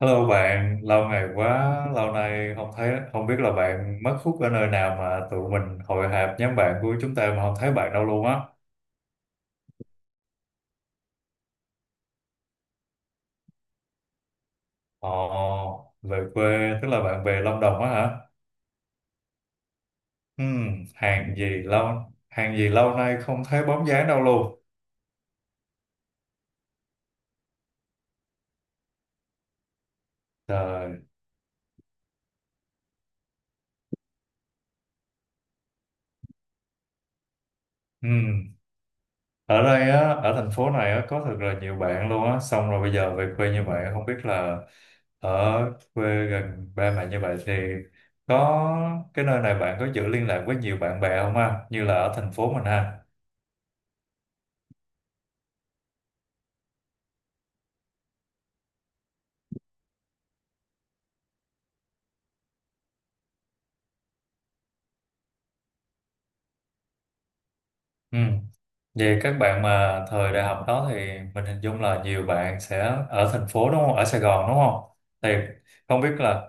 Hello bạn, lâu ngày quá, lâu nay không thấy, không biết là bạn mất hút ở nơi nào mà tụi mình hội họp nhóm bạn của chúng ta mà không thấy bạn đâu luôn á. Ồ, về quê, tức là bạn về Lâm Đồng á hả? Ừ, hàng gì lâu, hàng gì lâu nay không thấy bóng dáng đâu luôn. Trời, ừ. Ở đây á, ở thành phố này á có thật là nhiều bạn luôn á, xong rồi bây giờ về quê như vậy không biết là ở quê gần ba mẹ như vậy thì có cái nơi này bạn có giữ liên lạc với nhiều bạn bè không ha, như là ở thành phố mình ha? Ừ. Vậy các bạn mà thời đại học đó thì mình hình dung là nhiều bạn sẽ ở thành phố đúng không, ở Sài Gòn đúng không? Thì không biết là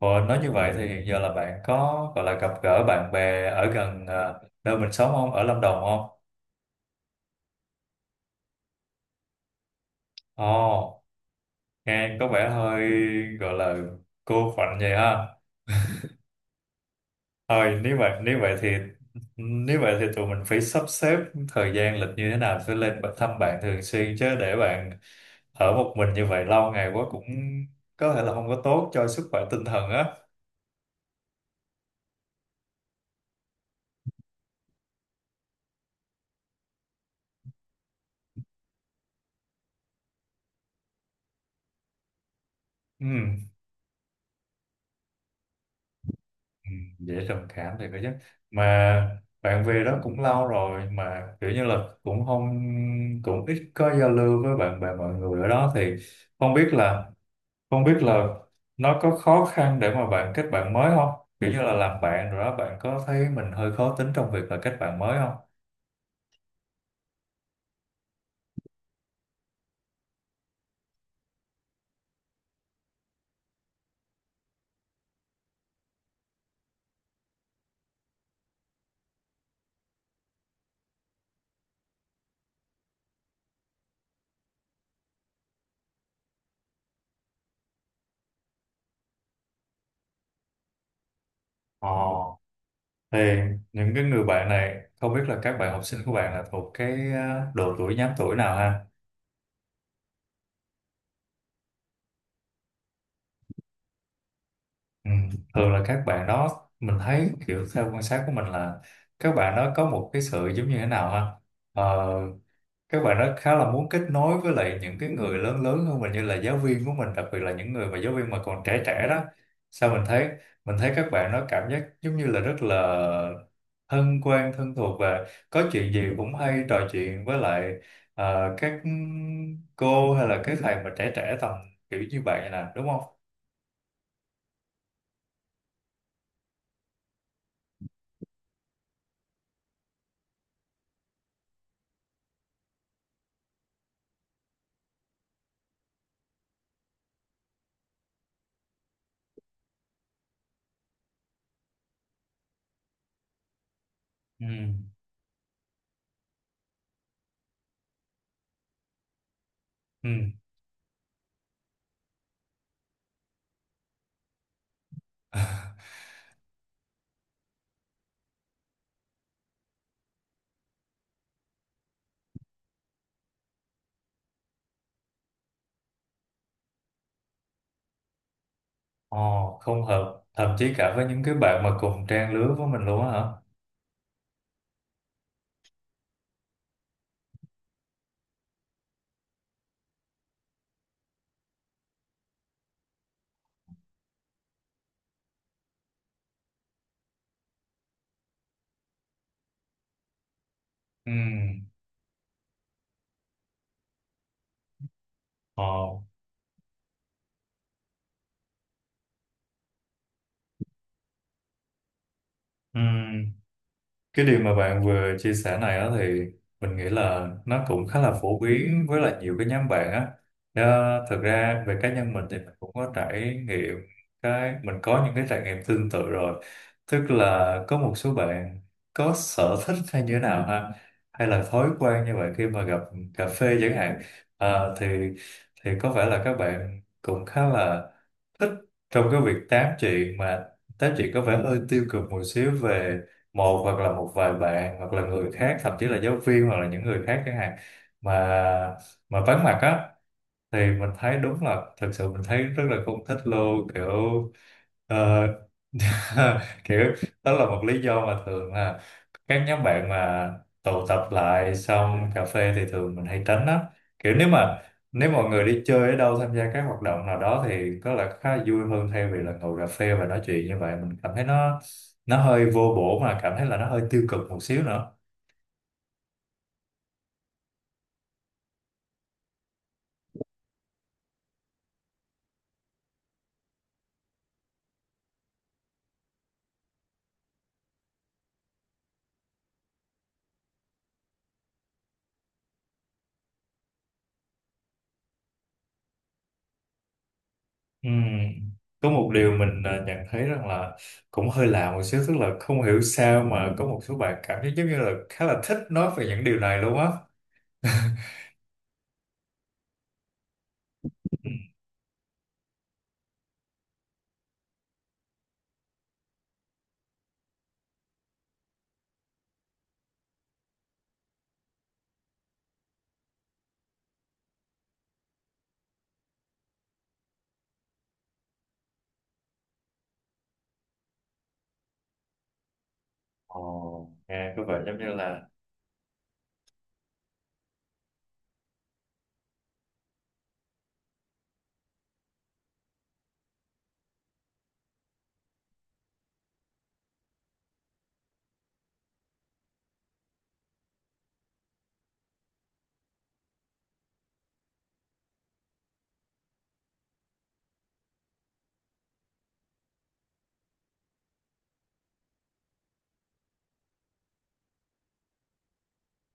ờ, nói như vậy thì giờ là bạn có gọi là gặp gỡ bạn bè ở gần à, nơi mình sống không, ở Lâm Đồng không? Ồ, nghe có vẻ hơi, gọi là, cô khoạnh vậy ha. Thôi nếu vậy, nếu vậy thì, nếu vậy thì tụi mình phải sắp xếp thời gian lịch như thế nào sẽ lên bạn- thăm bạn thường xuyên chứ, để bạn ở một mình như vậy lâu ngày quá cũng có thể là không có tốt cho sức khỏe tinh thần á. Ừ, ừ, dễ trầm cảm thì có chứ, mà bạn về đó cũng lâu rồi mà kiểu như là cũng không, cũng ít có giao lưu với bạn bè mọi người ở đó thì không biết là, không biết là nó có khó khăn để mà bạn kết bạn mới không? Kiểu như là làm bạn rồi đó, bạn có thấy mình hơi khó tính trong việc là kết bạn mới không? Ờ, thì Những cái người bạn này không biết là các bạn học sinh của bạn là thuộc cái độ tuổi, nhóm tuổi nào ha? Ừ. Thường là các bạn đó mình thấy kiểu theo quan sát của mình là các bạn đó có một cái sự giống như thế nào ha? Ờ, các bạn đó khá là muốn kết nối với lại những cái người lớn, lớn hơn mình như là giáo viên của mình, đặc biệt là những người mà giáo viên mà còn trẻ trẻ đó. Sao mình thấy, mình thấy các bạn nó cảm giác giống như là rất là thân quen, thân thuộc, và có chuyện gì cũng hay trò chuyện với lại các cô hay là các thầy mà trẻ trẻ tầm kiểu như vậy nè, đúng không? Ừ, ừ. Ồ, không hợp, thậm chí cả với những cái bạn mà cùng trang lứa với mình luôn á hả? Ừ, ồ, ừ. Cái điều mà bạn vừa chia sẻ này á thì mình nghĩ là nó cũng khá là phổ biến với lại nhiều cái nhóm bạn á. Ờ, thực ra về cá nhân mình thì mình cũng có trải nghiệm, cái mình có những cái trải nghiệm tương tự rồi, tức là có một số bạn có sở thích hay như thế nào ha, hay là thói quen như vậy khi mà gặp cà phê chẳng hạn. Ờ, thì có vẻ là các bạn cũng khá là thích trong cái việc tám chuyện, mà tám chuyện có vẻ hơi tiêu cực một xíu về một hoặc là một vài bạn hoặc là người khác, thậm chí là giáo viên hoặc là những người khác chẳng hạn, mà mà vắng mặt á. Thì mình thấy đúng là thật sự mình thấy rất là không thích luôn, kiểu ờ, kiểu đó là một lý do mà thường là các nhóm bạn mà tụ tập lại xong cà phê thì thường mình hay tránh á. Kiểu nếu mà, nếu mọi người đi chơi ở đâu, tham gia các hoạt động nào đó thì có là khá là vui hơn, thay vì là ngồi cà phê và nói chuyện như vậy, mình cảm thấy nó hơi vô bổ mà cảm thấy là nó hơi tiêu cực một xíu nữa. Ừm, Có một điều mình à, nhận thấy rằng là cũng hơi lạ một xíu, tức là không hiểu sao mà có một số bạn cảm thấy giống như là khá là thích nói về những điều này luôn á. Ừm, ồ, nghe có vẻ giống như là,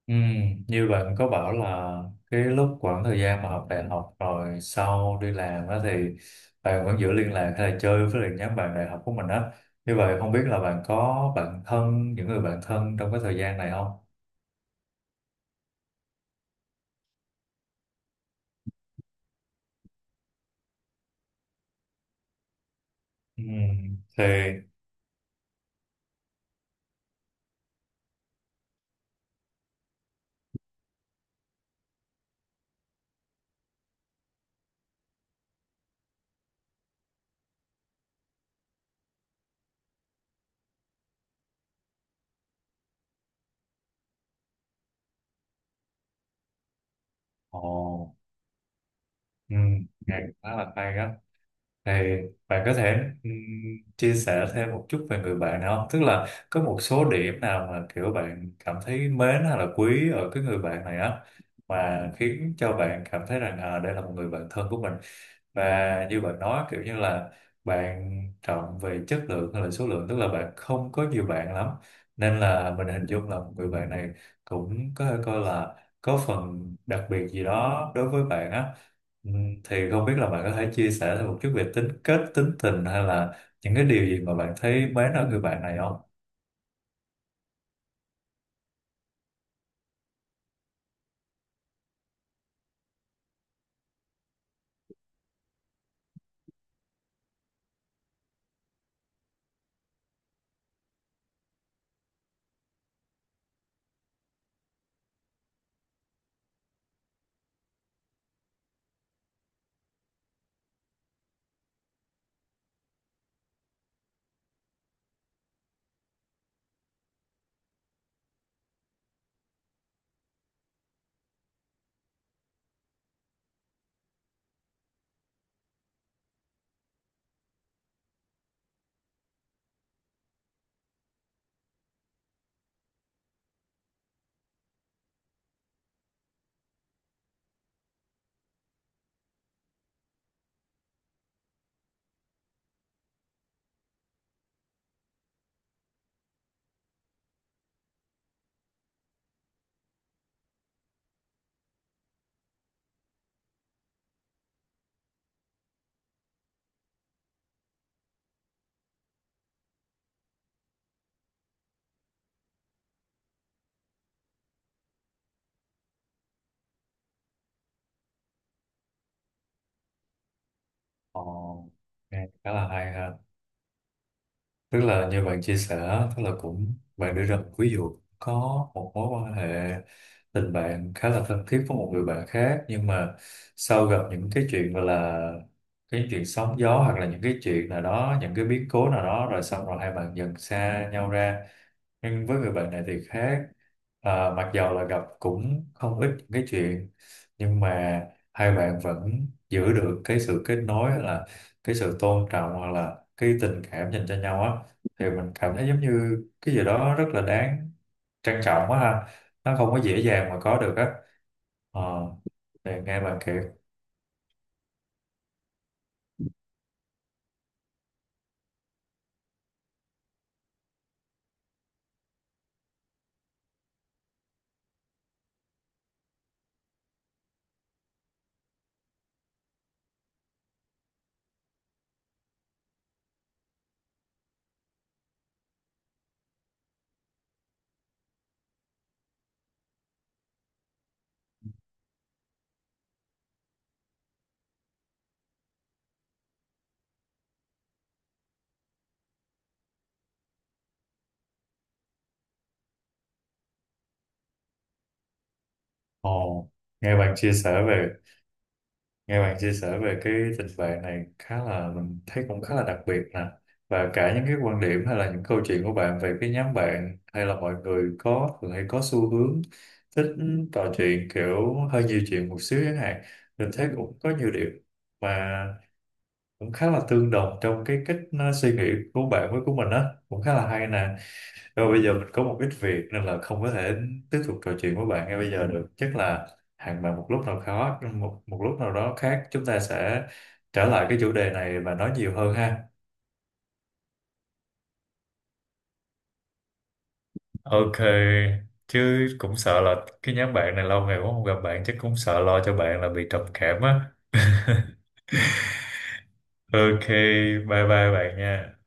như bạn có bảo là cái lúc khoảng thời gian mà học đại học rồi sau đi làm á thì bạn vẫn giữ liên lạc hay là chơi với lại nhóm bạn đại học của mình á, như vậy không biết là bạn có bạn thân, những người bạn thân trong cái thời gian này không? Ừm, thì ồ, ừ, nghe khá là hay đó. Thì bạn có thể, ừm, chia sẻ thêm một chút về người bạn nào không? Tức là có một số điểm nào mà kiểu bạn cảm thấy mến hay là quý ở cái người bạn này á, mà khiến cho bạn cảm thấy rằng à, đây là một người bạn thân của mình. Và như bạn nói kiểu như là bạn trọng về chất lượng hay là số lượng, tức là bạn không có nhiều bạn lắm, nên là mình hình dung là một người bạn này cũng có thể coi là có phần đặc biệt gì đó đối với bạn á. Thì không biết là bạn có thể chia sẻ thêm một chút về tính cách, tính tình hay là những cái điều gì mà bạn thấy mến ở người bạn này không? Ồ, nghe khá là hay ha. Tức là như bạn chia sẻ, tức là cũng bạn đưa ra một ví dụ có một mối quan hệ tình bạn khá là thân thiết với một người bạn khác, nhưng mà sau gặp những cái chuyện gọi là cái chuyện sóng gió hoặc là những cái chuyện nào đó, những cái biến cố nào đó, rồi xong rồi hai bạn dần xa nhau ra. Nhưng với người bệnh này thì khác. Ờ, mặc dầu là gặp cũng không ít những cái chuyện, nhưng mà hai bạn vẫn giữ được cái sự kết nối hay là cái sự tôn trọng hoặc là cái tình cảm dành cho nhau á, thì mình cảm thấy giống như cái gì đó rất là đáng trân trọng quá ha. Nó không có dễ dàng mà có được á. Ờ, thì nghe bạn kể, ồ, nghe bạn chia sẻ về, nghe bạn chia sẻ về cái tình bạn này, khá là mình thấy cũng khá là đặc biệt nè. Và cả những cái quan điểm hay là những câu chuyện của bạn về cái nhóm bạn hay là mọi người có thường hay có xu hướng thích trò chuyện kiểu hơi nhiều chuyện một xíu chẳng hạn, mình thấy cũng có nhiều điểm mà cũng khá là tương đồng trong cái cách suy nghĩ của bạn với của mình á, cũng khá là hay nè. Rồi bây giờ mình có một ít việc nên là không có thể tiếp tục trò chuyện với bạn ngay bây giờ được. Chắc là hẹn bạn một lúc nào khó, một, một lúc nào đó khác chúng ta sẽ trở lại cái chủ đề này và nói nhiều hơn ha. Ok, chứ cũng sợ là cái nhóm bạn này lâu ngày quá không gặp bạn chắc cũng sợ lo cho bạn là bị trầm cảm á. Ok, bye bye bạn nha.